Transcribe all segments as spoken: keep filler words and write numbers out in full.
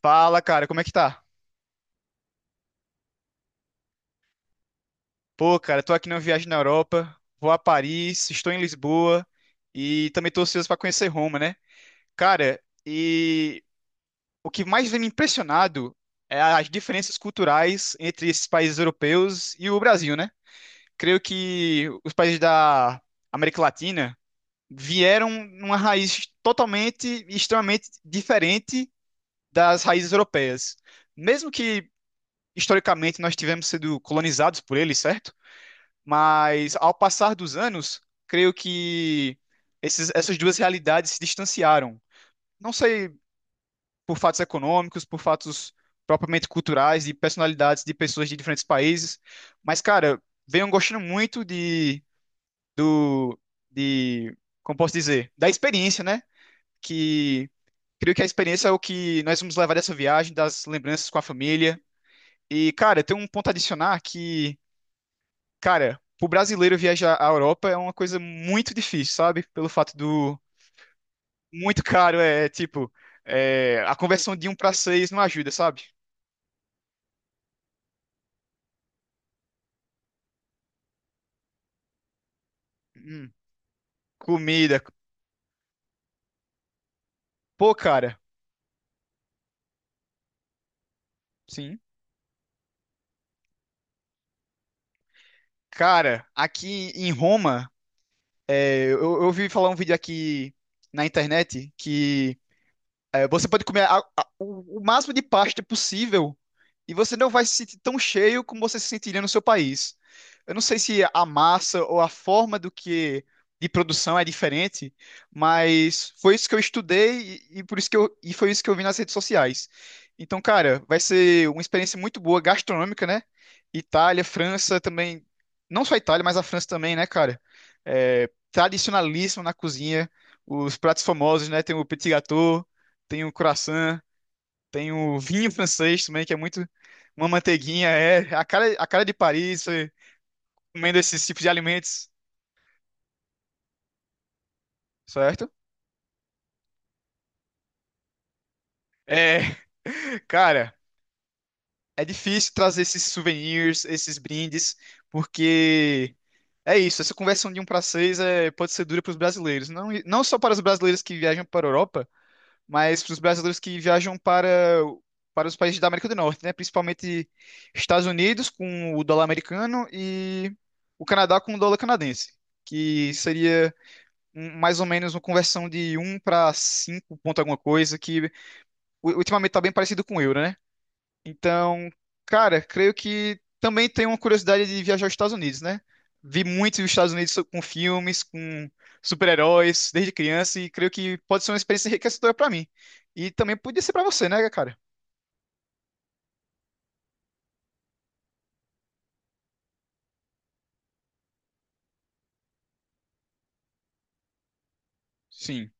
Fala, cara, como é que tá? Pô, cara, tô aqui numa viagem na Europa, vou a Paris, estou em Lisboa e também tô ansioso pra conhecer Roma, né? Cara, e o que mais vem me impressionado é as diferenças culturais entre esses países europeus e o Brasil, né? Creio que os países da América Latina vieram numa raiz totalmente e extremamente diferente das raízes europeias. Mesmo que historicamente nós tivemos sido colonizados por eles, certo? Mas ao passar dos anos, creio que esses- essas duas realidades se distanciaram. Não sei por fatos econômicos, por fatos propriamente culturais, de personalidades de pessoas de diferentes países, mas, cara, venho gostando muito de, do, de, como posso dizer, da experiência, né? Que creio que a experiência é o que nós vamos levar dessa viagem, das lembranças com a família. E, cara, tem um ponto a adicionar que cara, pro brasileiro viajar à Europa é uma coisa muito difícil, sabe? Pelo fato do muito caro, é tipo, é, a conversão de um pra seis não ajuda, sabe? Hum, comida. Pô, cara, sim. Cara, aqui em Roma, é, eu, eu ouvi falar um vídeo aqui na internet que é, você pode comer a- a- o, o máximo de pasta possível e você não vai se sentir tão cheio como você se sentiria no seu país. Eu não sei se a massa ou a forma do que de produção é diferente, mas foi isso que eu estudei e, e por isso que eu, e foi isso que eu vi nas redes sociais. Então, cara, vai ser uma experiência muito boa gastronômica, né? Itália, França também, não só a Itália, mas a França também, né, cara? É, tradicionalíssimo na cozinha, os pratos famosos, né? Tem o petit gâteau, tem o croissant, tem o vinho francês também, que é muito uma manteiguinha, é a cara, a cara de Paris, é, comendo esses tipos de alimentos, certo? É, cara, é difícil trazer esses souvenirs, esses brindes, porque é isso, essa conversão de um para seis é, pode ser dura para os brasileiros, não, não só para os brasileiros que viajam para a Europa, mas para os brasileiros que viajam para, para os países da América do Norte, né? Principalmente Estados Unidos com o dólar americano e o Canadá com o dólar canadense, que seria um- mais ou menos uma conversão de um para cinco ponto alguma coisa, que u- ultimamente está bem parecido com o euro, né? Então, cara, creio que também tenho uma curiosidade de viajar aos Estados Unidos, né? Vi muito os Estados Unidos so- com filmes, com super-heróis desde criança e creio que pode ser uma experiência enriquecedora pra mim. E também podia ser pra você, né, cara? Sim,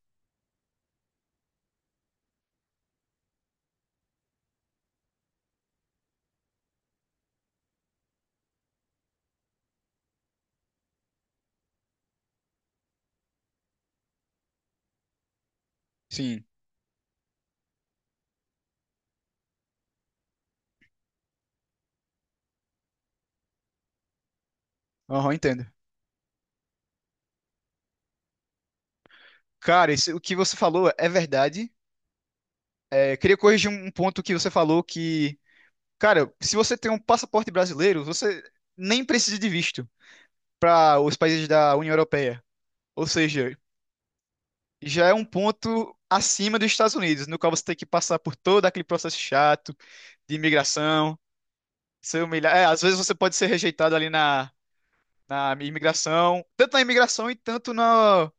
sim. Aham, entendo. Cara, isso, o que você falou é verdade. É, queria corrigir um um ponto que você falou que, cara, se você tem um passaporte brasileiro, você nem precisa de visto para os países da União Europeia. Ou seja, já é um ponto acima dos Estados Unidos, no qual você tem que passar por todo aquele processo chato de imigração, ser humilhado. É, às vezes você pode ser rejeitado ali na, na imigração, tanto na imigração e tanto na,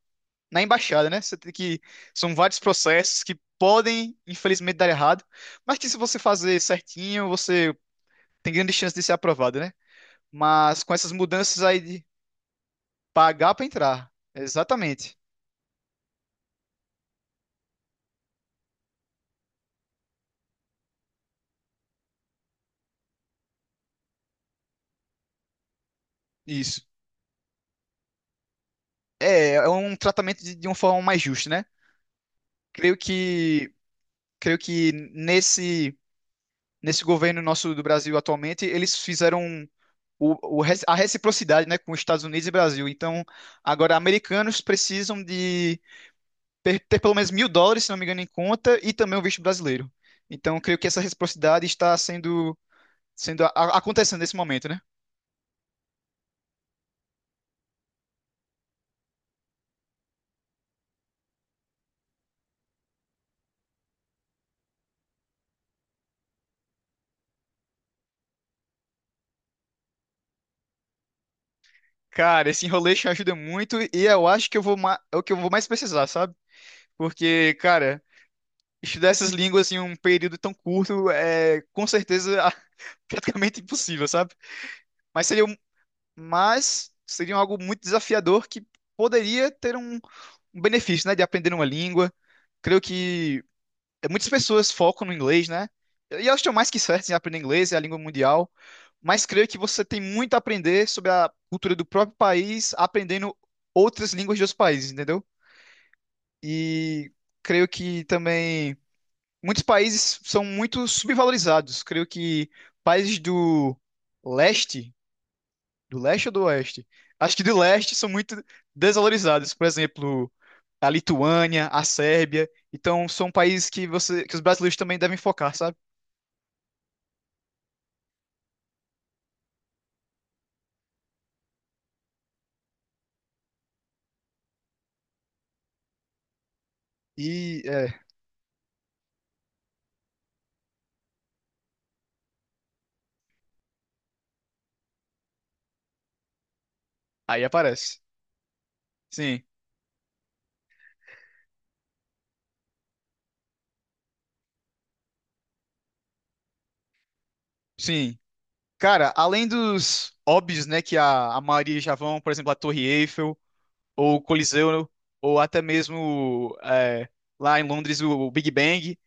na embaixada, né? Você tem que. São vários processos que podem, infelizmente, dar errado, mas que se você fazer certinho, você tem grande chance de ser aprovado, né? Mas com essas mudanças aí de pagar para entrar, exatamente isso. É, é um tratamento de, de uma forma mais justa, né? Creio que, creio que nesse, nesse governo nosso do Brasil atualmente, eles fizeram o, o re- a reciprocidade, né, com os Estados Unidos e Brasil. Então, agora, americanos precisam de per- ter pelo menos mil dólares, se não me engano, em conta, e também o visto brasileiro. Então, creio que essa reciprocidade está sendo, sendo a- a- acontecendo nesse momento, né? Cara, esse enroleixo ajuda muito e eu acho que eu vou ma- é o que eu vou mais precisar, sabe? Porque, cara, estudar essas línguas em um período tão curto é com certeza a- praticamente impossível, sabe? Mas seria, um- mas seria algo muito desafiador que poderia ter um, um benefício, né, de aprender uma língua. Creio que é, muitas pessoas focam no inglês, né? E elas estão mais que certas em aprender inglês, é a língua mundial. Mas creio que você tem muito a aprender sobre a cultura do próprio país, aprendendo outras línguas de outros países, entendeu? E creio que também muitos países são muito subvalorizados. Creio que países do leste, do leste ou do oeste? Acho que do leste são muito desvalorizados. Por exemplo, a Lituânia, a Sérbia. Então, são países que você, que os brasileiros também devem focar, sabe? E é, aí aparece. Sim, sim. Cara, além dos óbvios, né, que a, a maioria já vão, por exemplo, a Torre Eiffel, ou o Coliseu, ou até mesmo é, lá em Londres o Big Bang.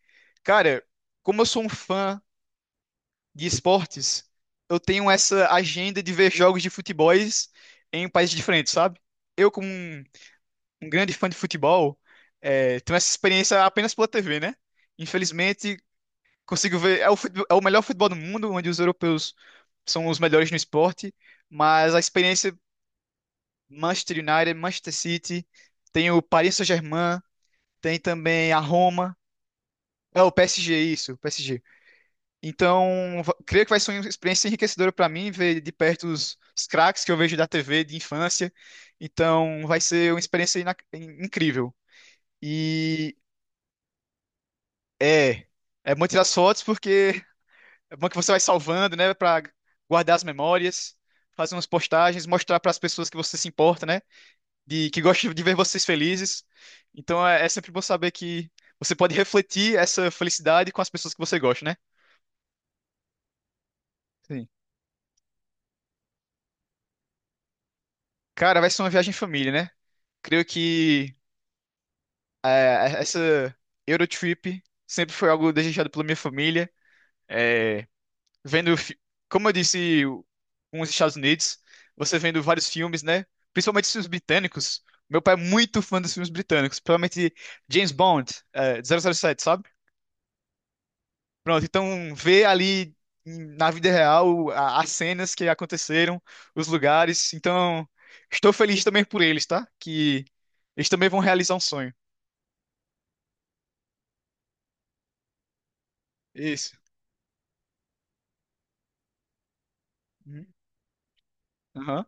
Cara, como eu sou um fã de esportes, eu tenho essa agenda de ver jogos de futebol em países diferentes, sabe? Eu, como um, um grande fã de futebol, eh, tenho essa experiência apenas pela tê vê, né? Infelizmente, consigo ver. É o, futebol- é o melhor futebol do mundo, onde os europeus são os melhores no esporte, mas a experiência Manchester United, Manchester City, tem o Paris Saint-Germain, tem também a Roma. É o P S G, isso, P S G. Então, va- creio que vai ser uma experiência enriquecedora para mim ver de perto os, os craques que eu vejo da tê vê de infância. Então, vai ser uma experiência ina- in- incrível. E é, é bom tirar as fotos porque é bom que você vai salvando, né, para guardar as memórias, fazer umas postagens, mostrar para as pessoas que você se importa, né, de que gosta de ver vocês felizes. Então, é, é sempre bom saber que você pode refletir essa felicidade com as pessoas que você gosta, né? Sim. Cara, vai ser uma viagem em família, né? Creio que é, essa Eurotrip sempre foi algo desejado pela minha família. É, vendo, fi- como eu disse, o- com os Estados Unidos, você vendo vários filmes, né? Principalmente os filmes britânicos. Meu pai é muito fã dos filmes britânicos, principalmente James Bond, é, zero zero sete, sabe? Pronto, então ver ali em- na vida real a- as cenas que aconteceram, os lugares. Então, estou feliz também por eles, tá? Que eles também vão realizar um sonho. Isso. Uhum.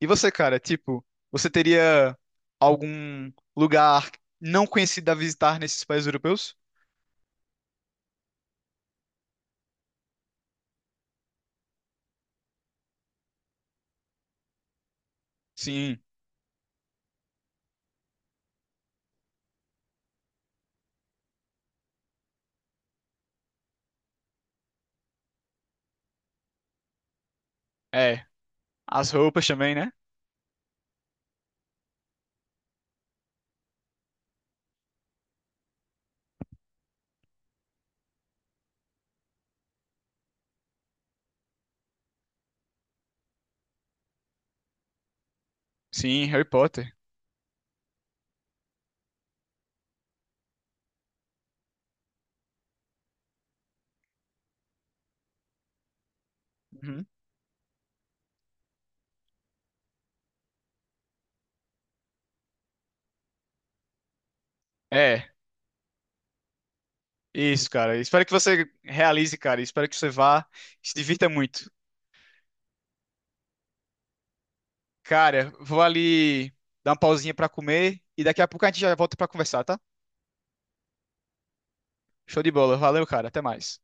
E você, cara, tipo, você teria algum lugar não conhecido a visitar nesses países europeus? Sim, é. As roupas também, né? Sim, Harry Potter. Uhum. É, isso, cara. Espero que você realize, cara. Espero que você vá, se divirta muito. Cara, vou ali dar uma pausinha pra comer e daqui a pouco a gente já volta pra conversar, tá? Show de bola. Valeu, cara. Até mais.